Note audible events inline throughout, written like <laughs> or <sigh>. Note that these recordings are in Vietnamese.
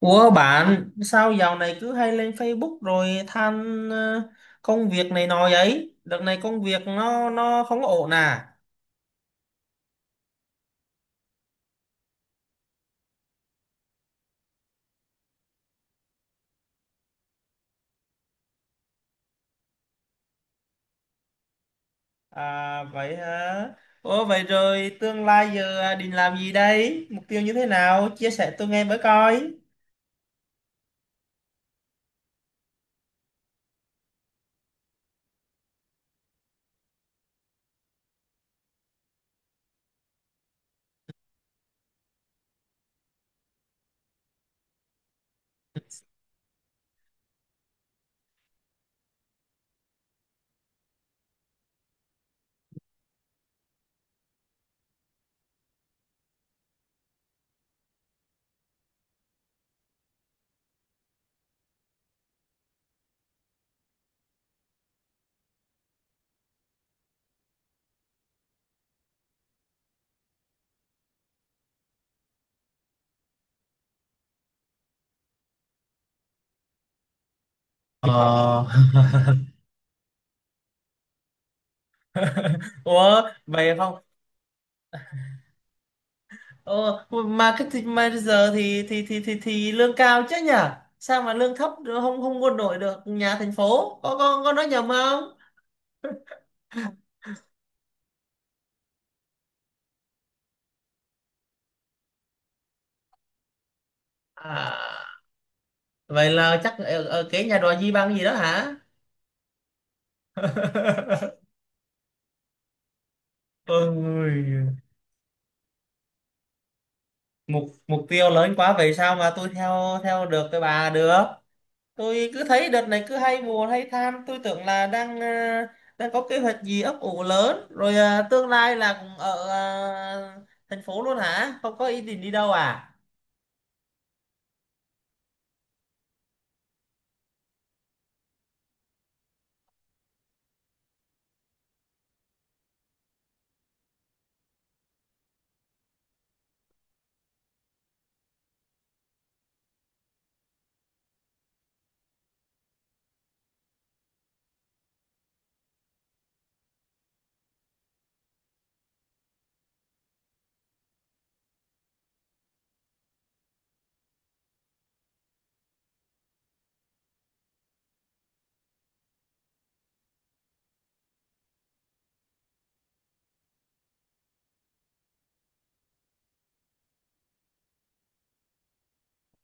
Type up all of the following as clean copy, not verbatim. Ủa bạn sao dạo này cứ hay lên Facebook rồi than công việc này nọ vậy? Đợt này công việc nó không ổn à? À vậy hả? Ủa vậy rồi tương lai giờ định làm gì đây? Mục tiêu như thế nào? Chia sẻ tôi nghe với coi. Ờ. <laughs> Ủa vậy không? Ờ marketing manager thì lương cao chứ nhỉ? Sao mà lương thấp không không quân đội được nhà thành phố? Có nói nhầm không? À, vậy là chắc ở cái nhà đòi di băng gì đó hả? <laughs> Ôi, mục mục tiêu lớn quá vậy sao mà tôi theo theo được cái bà được. Tôi cứ thấy đợt này cứ hay buồn hay than, tôi tưởng là đang đang có kế hoạch gì ấp ủ lớn rồi tương lai là cũng ở thành phố luôn hả, không có ý định đi đâu à?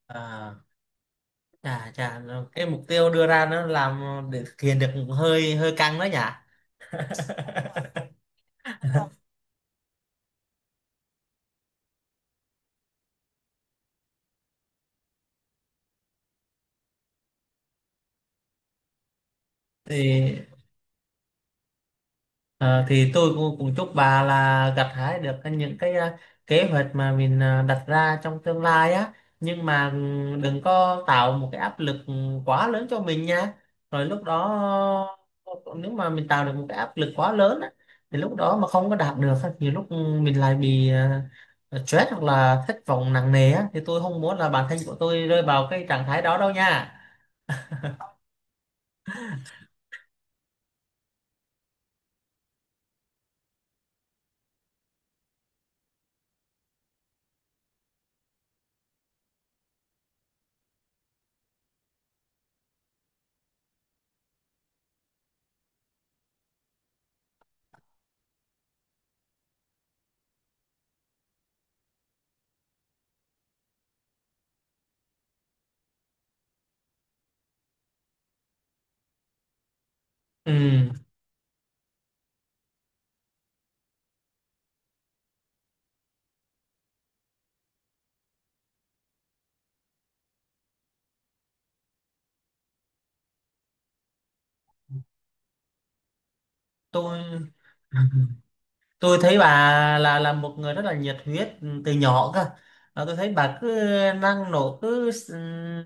à chà chà, cái mục tiêu đưa ra nó làm để thực hiện được hơi hơi căng đó nhỉ. <laughs> thì Ờ, thì tôi cũng chúc bà là gặt hái được những kế hoạch mà mình đặt ra trong tương lai á, nhưng mà đừng có tạo một cái áp lực quá lớn cho mình nha. Rồi lúc đó nếu mà mình tạo được một cái áp lực quá lớn á thì lúc đó mà không có đạt được á, nhiều lúc mình lại bị stress hoặc là thất vọng nặng nề á thì tôi không muốn là bản thân của tôi rơi vào cái trạng thái đó đâu nha. Ừm, tôi <laughs> tôi thấy bà là một người rất là nhiệt huyết từ nhỏ cơ. Và tôi thấy bà cứ năng nổ, cứ s-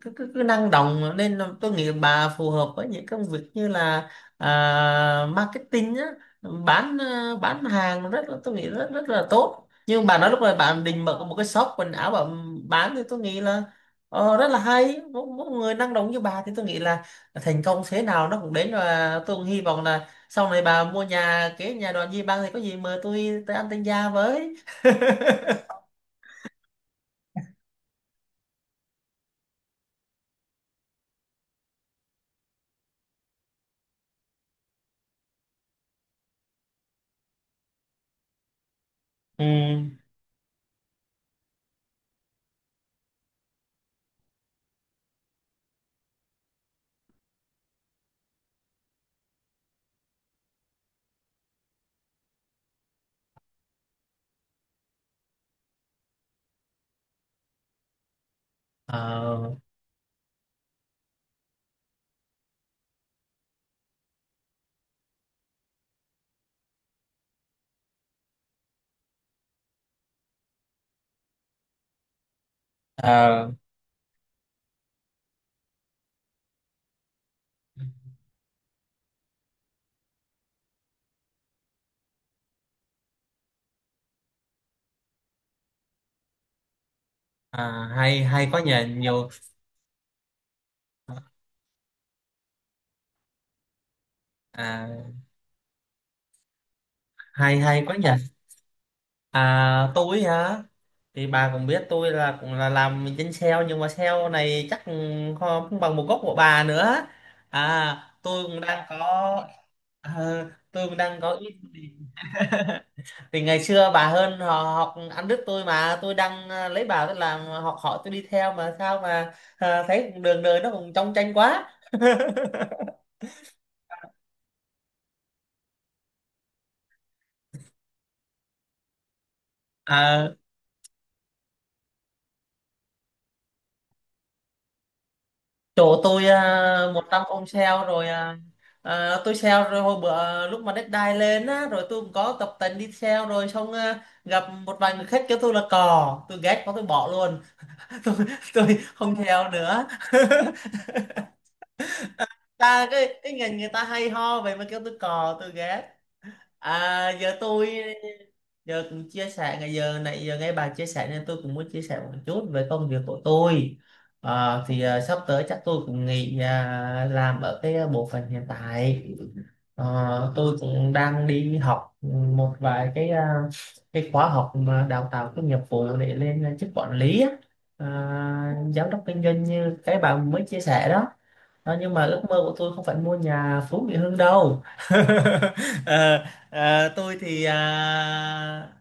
cứ cứ, cứ năng động, nên là tôi nghĩ bà phù hợp với những công việc như là marketing á, bán hàng rất là, tôi nghĩ rất rất là tốt. Nhưng bà nói lúc này bạn định mở một cái shop quần áo bà bán thì tôi nghĩ là rất là hay, một người năng động như bà thì tôi nghĩ là thành công thế nào nó cũng đến, và tôi cũng hy vọng là sau này bà mua nhà, cái nhà đoàn gì bang thì có gì mời tôi tới ăn tân gia với. Ừ. Ờ, ờ, hay hay có nhà nhiều. à, Hay hay có nhà. Tôi hả? Thì bà cũng biết tôi là cũng là làm trên sale nhưng mà sale này chắc không không bằng một gốc của bà nữa. Tôi cũng đang có, ờ, tôi cũng đang có ít. Thì ngày xưa bà hơn họ, học ăn đứt tôi mà, tôi đang lấy bà tôi làm học hỏi, tôi đi theo mà sao mà thấy đường đời nó cũng trong tranh quá. <laughs> à, Chỗ tôi 100 ông sale rồi. Tôi sale rồi hồi bữa lúc mà deadline lên á, rồi tôi cũng có tập tành đi sale rồi xong gặp một vài người khách kêu tôi là cò, tôi ghét quá tôi bỏ luôn. <laughs> tôi, tôi không theo nữa. Ta cái ngành người ta hay ho vậy mà kêu tôi cò tôi ghét. À, giờ tôi giờ cũng chia sẻ, ngày giờ này giờ nghe bà chia sẻ nên tôi cũng muốn chia sẻ một chút về công việc của tôi. Ờ, thì sắp tới chắc tôi cũng nghỉ làm ở cái bộ phận hiện tại. Ờ, tôi cũng đang đi học một vài cái khóa học mà đào tạo cái nghiệp vụ để lên chức quản lý á. À, giám đốc kinh doanh như cái bà mới chia sẻ đó đó, nhưng mà ước mơ của tôi không phải mua nhà Phú Mỹ Hưng đâu. <laughs> Ờ, tôi thì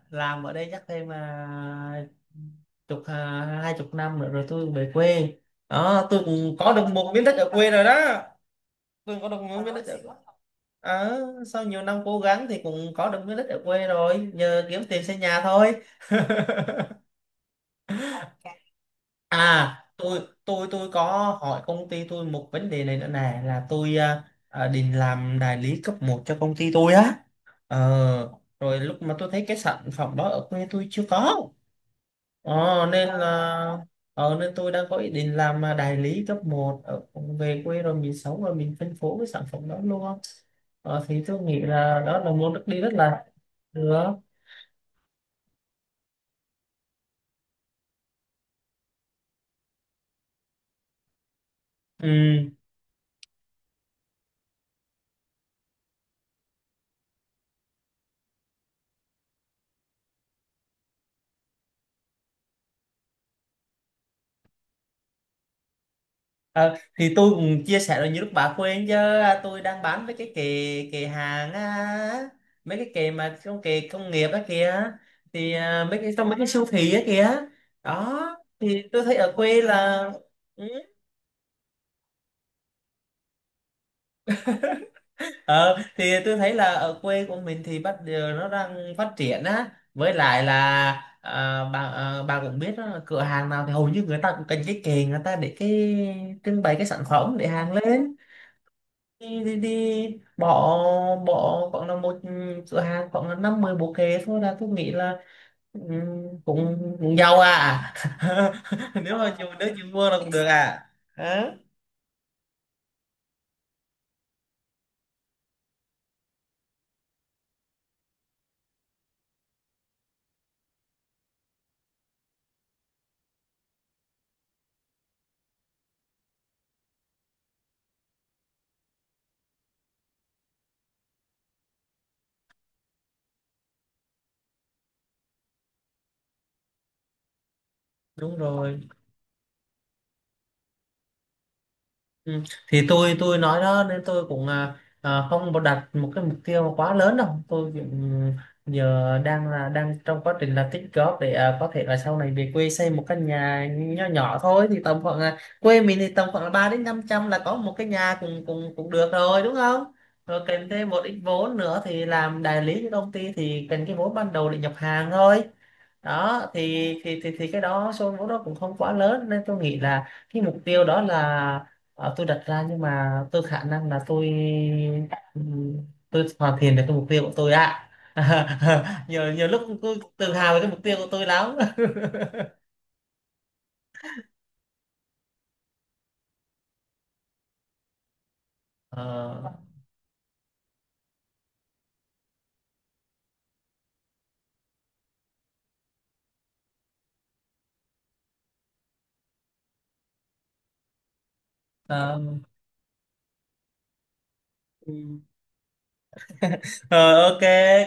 làm ở đây chắc thêm chục à, 20 năm nữa rồi tôi về quê. Đó, tôi cũng có được một miếng đất ở quê rồi đó. Tôi có được một miếng đất ở. Ờ, sau nhiều năm cố gắng thì cũng có được miếng đất ở quê rồi, giờ kiếm tiền xây nhà thôi. À, tôi có hỏi công ty tôi một vấn đề này nữa nè, là tôi định làm đại lý cấp một cho công ty tôi á. Ờ, rồi lúc mà tôi thấy cái sản phẩm đó ở quê tôi chưa có. Ờ, nên là nên tôi đang có ý định làm đại lý cấp một ở, về quê rồi mình sống rồi mình phân phối cái sản phẩm đó luôn. Ờ, thì tôi nghĩ là đó là một bước đi rất là được. Ừ. Ờ, thì tôi cũng chia sẻ, là như lúc bà khuyên chứ tôi đang bán với cái kệ kệ hàng á, mấy cái kệ mà trong kệ công nghiệp á kìa, thì mấy cái trong mấy cái siêu thị á kìa. Đó, thì tôi thấy ở quê là ừ, ờ, thì tôi thấy là ở quê của mình thì bắt giờ nó đang phát triển á, với lại là bà cũng biết đó là cửa hàng nào thì hầu như người ta cũng cần cái kệ, người ta để cái trưng bày, cái sản phẩm để hàng lên. Đi đi đi, bỏ bỏ khoảng là một cửa hàng khoảng là năm mười bộ kệ thôi là tôi nghĩ là cũng giàu à. <laughs> Nếu mà chịu đứa chịu mua là cũng được à. Hả? Đúng rồi. Ừ. Thì tôi nói đó, nên tôi cũng không có đặt một cái mục tiêu quá lớn đâu, tôi cũng giờ đang trong quá trình là tích góp để có thể là sau này về quê xây một căn nhà nhỏ nhỏ thôi, thì tầm khoảng là quê mình thì tầm khoảng là ba đến năm trăm là có một cái nhà cũng cũng cũng được rồi đúng không. Rồi kèm thêm một ít vốn nữa thì làm đại lý cho công ty thì cần cái vốn ban đầu để nhập hàng thôi. Đó thì cái đó số vốn đó cũng không quá lớn nên tôi nghĩ là cái mục tiêu đó là, Ờ, tôi đặt ra nhưng mà tôi khả năng là tôi ừ, tôi hoàn thiện được cái mục tiêu của tôi ạ. <laughs> nhiều nhiều lúc tôi tự hào về cái mục tiêu của tôi lắm. <laughs> Ờ, ờ, ừm. Ờ, ok,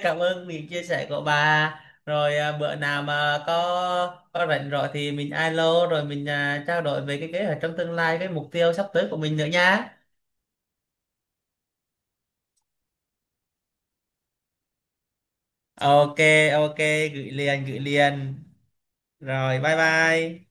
cảm ơn những chia sẻ của bà. Rồi bữa nào mà có rảnh rồi thì mình alo rồi mình trao đổi về cái kế hoạch trong tương lai, cái mục tiêu sắp tới của mình nữa nha. Ok, ok, gửi liền gửi liền, rồi bye bye.